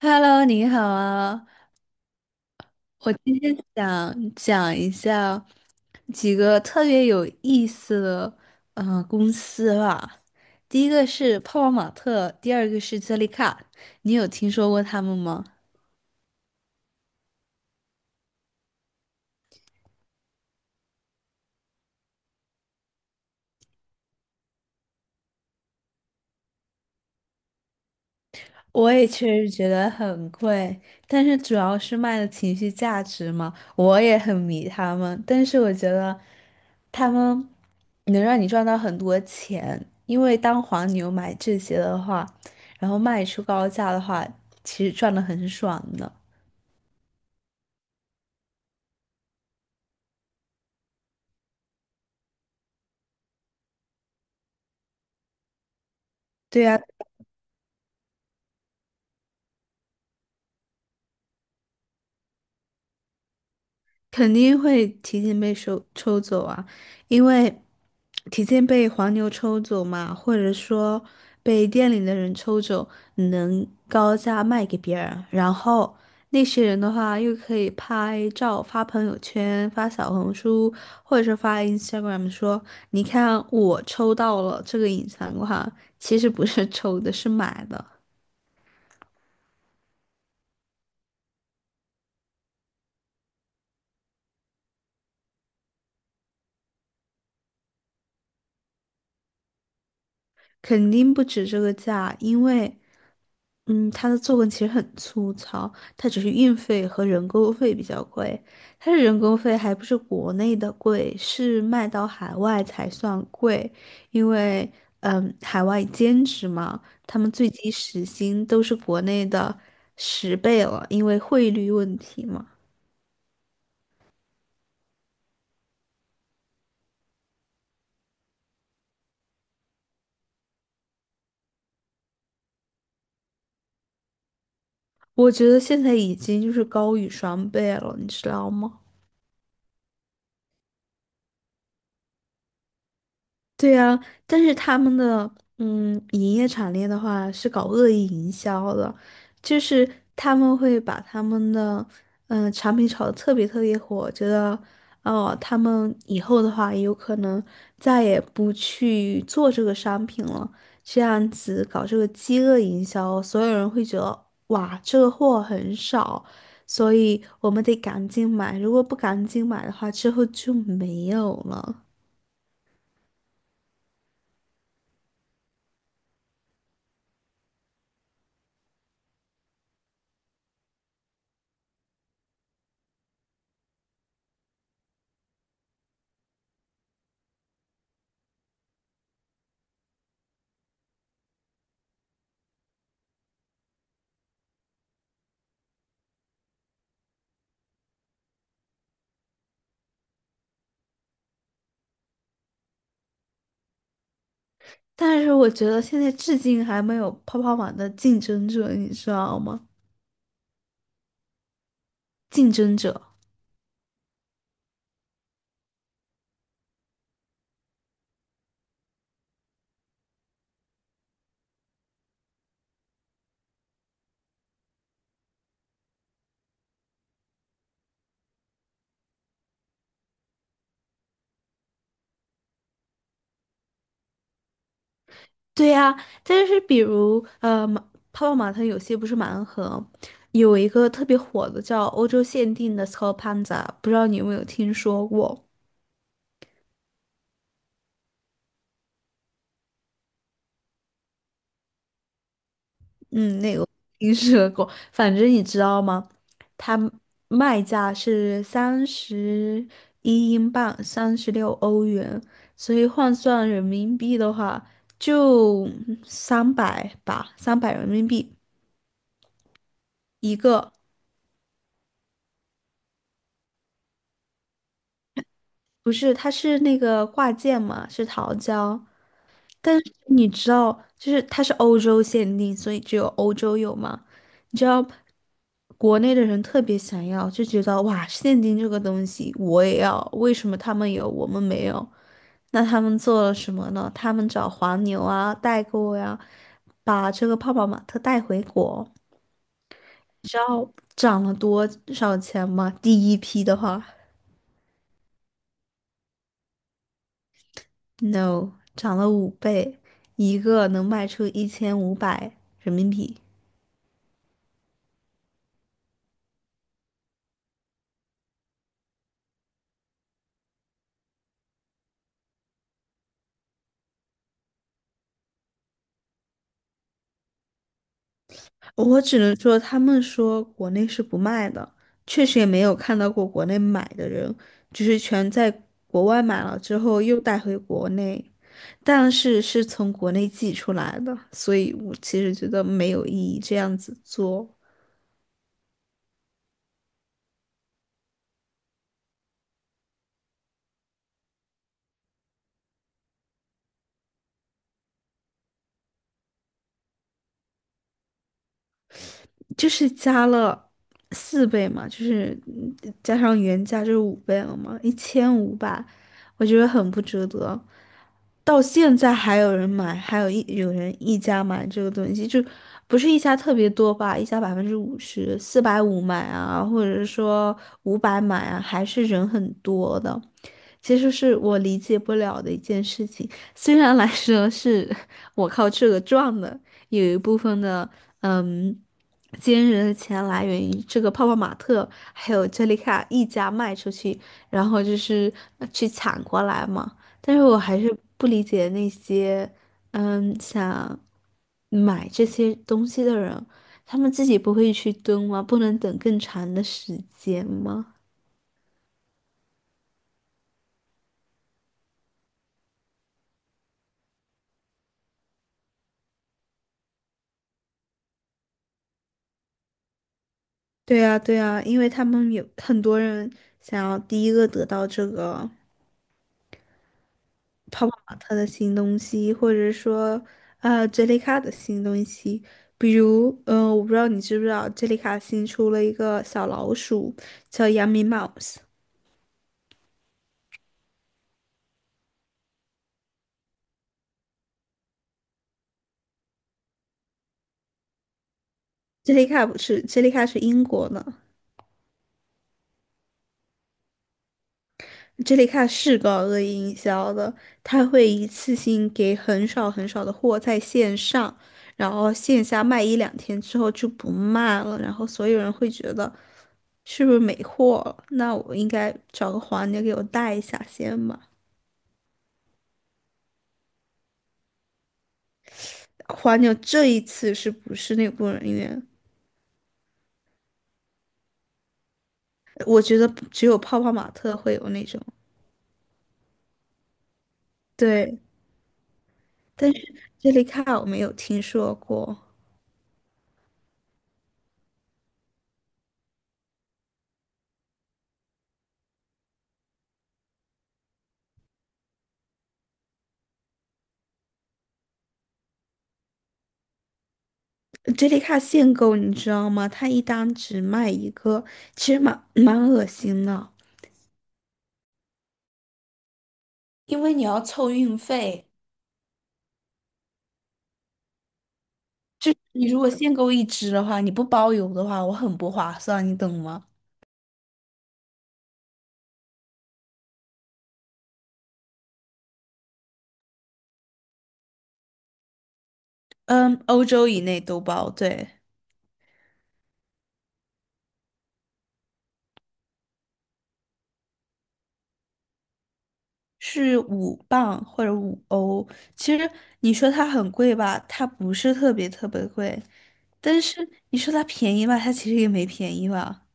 Hello，你好啊！我今天想讲一下几个特别有意思的公司吧。第一个是泡泡玛特，第二个是杰丽卡，你有听说过他们吗？我也确实觉得很贵，但是主要是卖的情绪价值嘛，我也很迷他们，但是我觉得他们能让你赚到很多钱，因为当黄牛买这些的话，然后卖出高价的话，其实赚的很爽的。对呀。肯定会提前被抽走啊，因为提前被黄牛抽走嘛，或者说被店里的人抽走，能高价卖给别人，然后那些人的话又可以拍照发朋友圈、发小红书，或者是发 Instagram 说，你看我抽到了这个隐藏款，其实不是抽的，是买的，肯定不止这个价，因为。它的作文其实很粗糙，它只是运费和人工费比较贵。它的人工费还不是国内的贵，是卖到海外才算贵，因为海外兼职嘛，他们最低时薪都是国内的10倍了，因为汇率问题嘛。我觉得现在已经就是高于双倍了，你知道吗？对呀，但是他们的营业产业的话是搞恶意营销的，就是他们会把他们的产品炒得特别特别火，觉得哦他们以后的话也有可能再也不去做这个商品了，这样子搞这个饥饿营销，所有人会觉得哇这个货很少，所以我们得赶紧买，如果不赶紧买的话，之后就没有了。但是我觉得现在至今还没有泡泡玛的竞争者，你知道吗？竞争者，对呀、但是比如泡泡玛特有些不是盲盒，有一个特别火的叫欧洲限定的 s c o p a n z a 不知道你有没有听说过？嗯，那个我听说过，反正你知道吗？它卖价是31英镑，36欧元，所以换算人民币的话，就三百吧，300人民币一个。不是，它是那个挂件嘛，是桃胶，但是你知道，就是它是欧洲限定，所以只有欧洲有嘛。你知道，国内的人特别想要，就觉得哇，现金这个东西我也要，为什么他们有我们没有？那他们做了什么呢？他们找黄牛啊、代购呀、把这个泡泡玛特带回国。你知道涨了多少钱吗？第一批的话，no，涨了五倍，一个能卖出1500人民币。我只能说，他们说国内是不卖的，确实也没有看到过国内买的人，只是全在国外买了之后又带回国内，但是是从国内寄出来的，所以我其实觉得没有意义这样子做，就是加了4倍嘛，就是加上原价就是五倍了嘛，一千五百，我觉得很不值得。到现在还有人买，还有有人一家买这个东西，就不是一家特别多吧，一家50%，450买啊，或者是说五百买啊，还是人很多的。其实是我理解不了的一件事情，虽然来说是我靠这个赚的，有一部分的嗯，今日的钱来源于这个泡泡玛特还有珍妮卡一家卖出去，然后就是去抢过来嘛。但是我还是不理解那些，想买这些东西的人，他们自己不会去蹲吗？不能等更长的时间吗？对啊，对啊，因为他们有很多人想要第一个得到这个泡泡玛特的新东西，或者说，杰丽卡的新东西。比如，我不知道你知不知道，杰丽卡新出了一个小老鼠，叫 Yummy Mouse。杰丽卡不是，杰丽卡是英国的。这里看是搞恶意营销的，他会一次性给很少很少的货在线上，然后线下卖一两天之后就不卖了，然后所有人会觉得是不是没货了？那我应该找个黄牛给我带一下先吧。黄牛这一次是不是内部人员？我觉得只有泡泡玛特会有那种，对，但是这里看我没有听说过。杰里卡限购，你知道吗？它一单只卖一个，其实蛮恶心的。因为你要凑运费，就是你如果限购一只的话，你不包邮的话，我很不划算，你懂吗？嗯，欧洲以内都包，对，是5磅或者5欧。其实你说它很贵吧，它不是特别特别贵，但是你说它便宜吧，它其实也没便宜吧。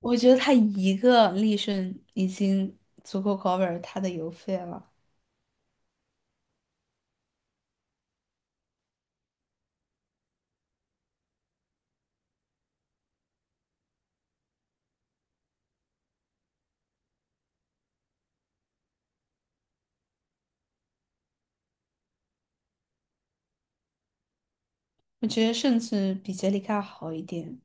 我觉得它一个利瞬已经足够 cover 它的邮费了。我觉得甚至比杰里卡好一点。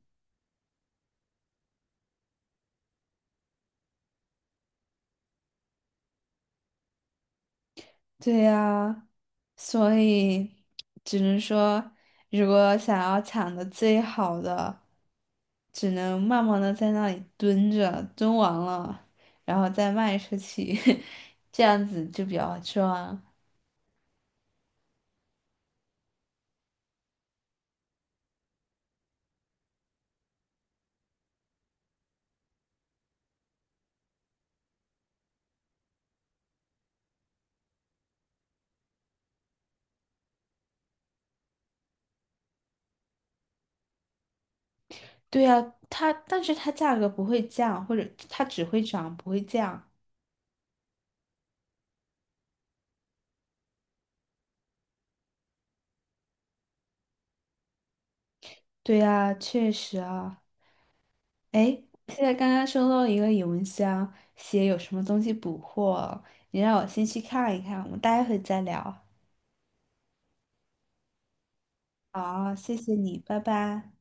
对呀，所以只能说，如果想要抢的最好的，只能慢慢的在那里蹲着，蹲完了，然后再卖出去，这样子就比较赚。对呀，它，但是它价格不会降，或者它只会涨不会降。对呀，确实啊。诶，现在刚刚收到一个邮箱，写有什么东西补货，你让我先去看一看，我们待会再聊。好，谢谢你，拜拜。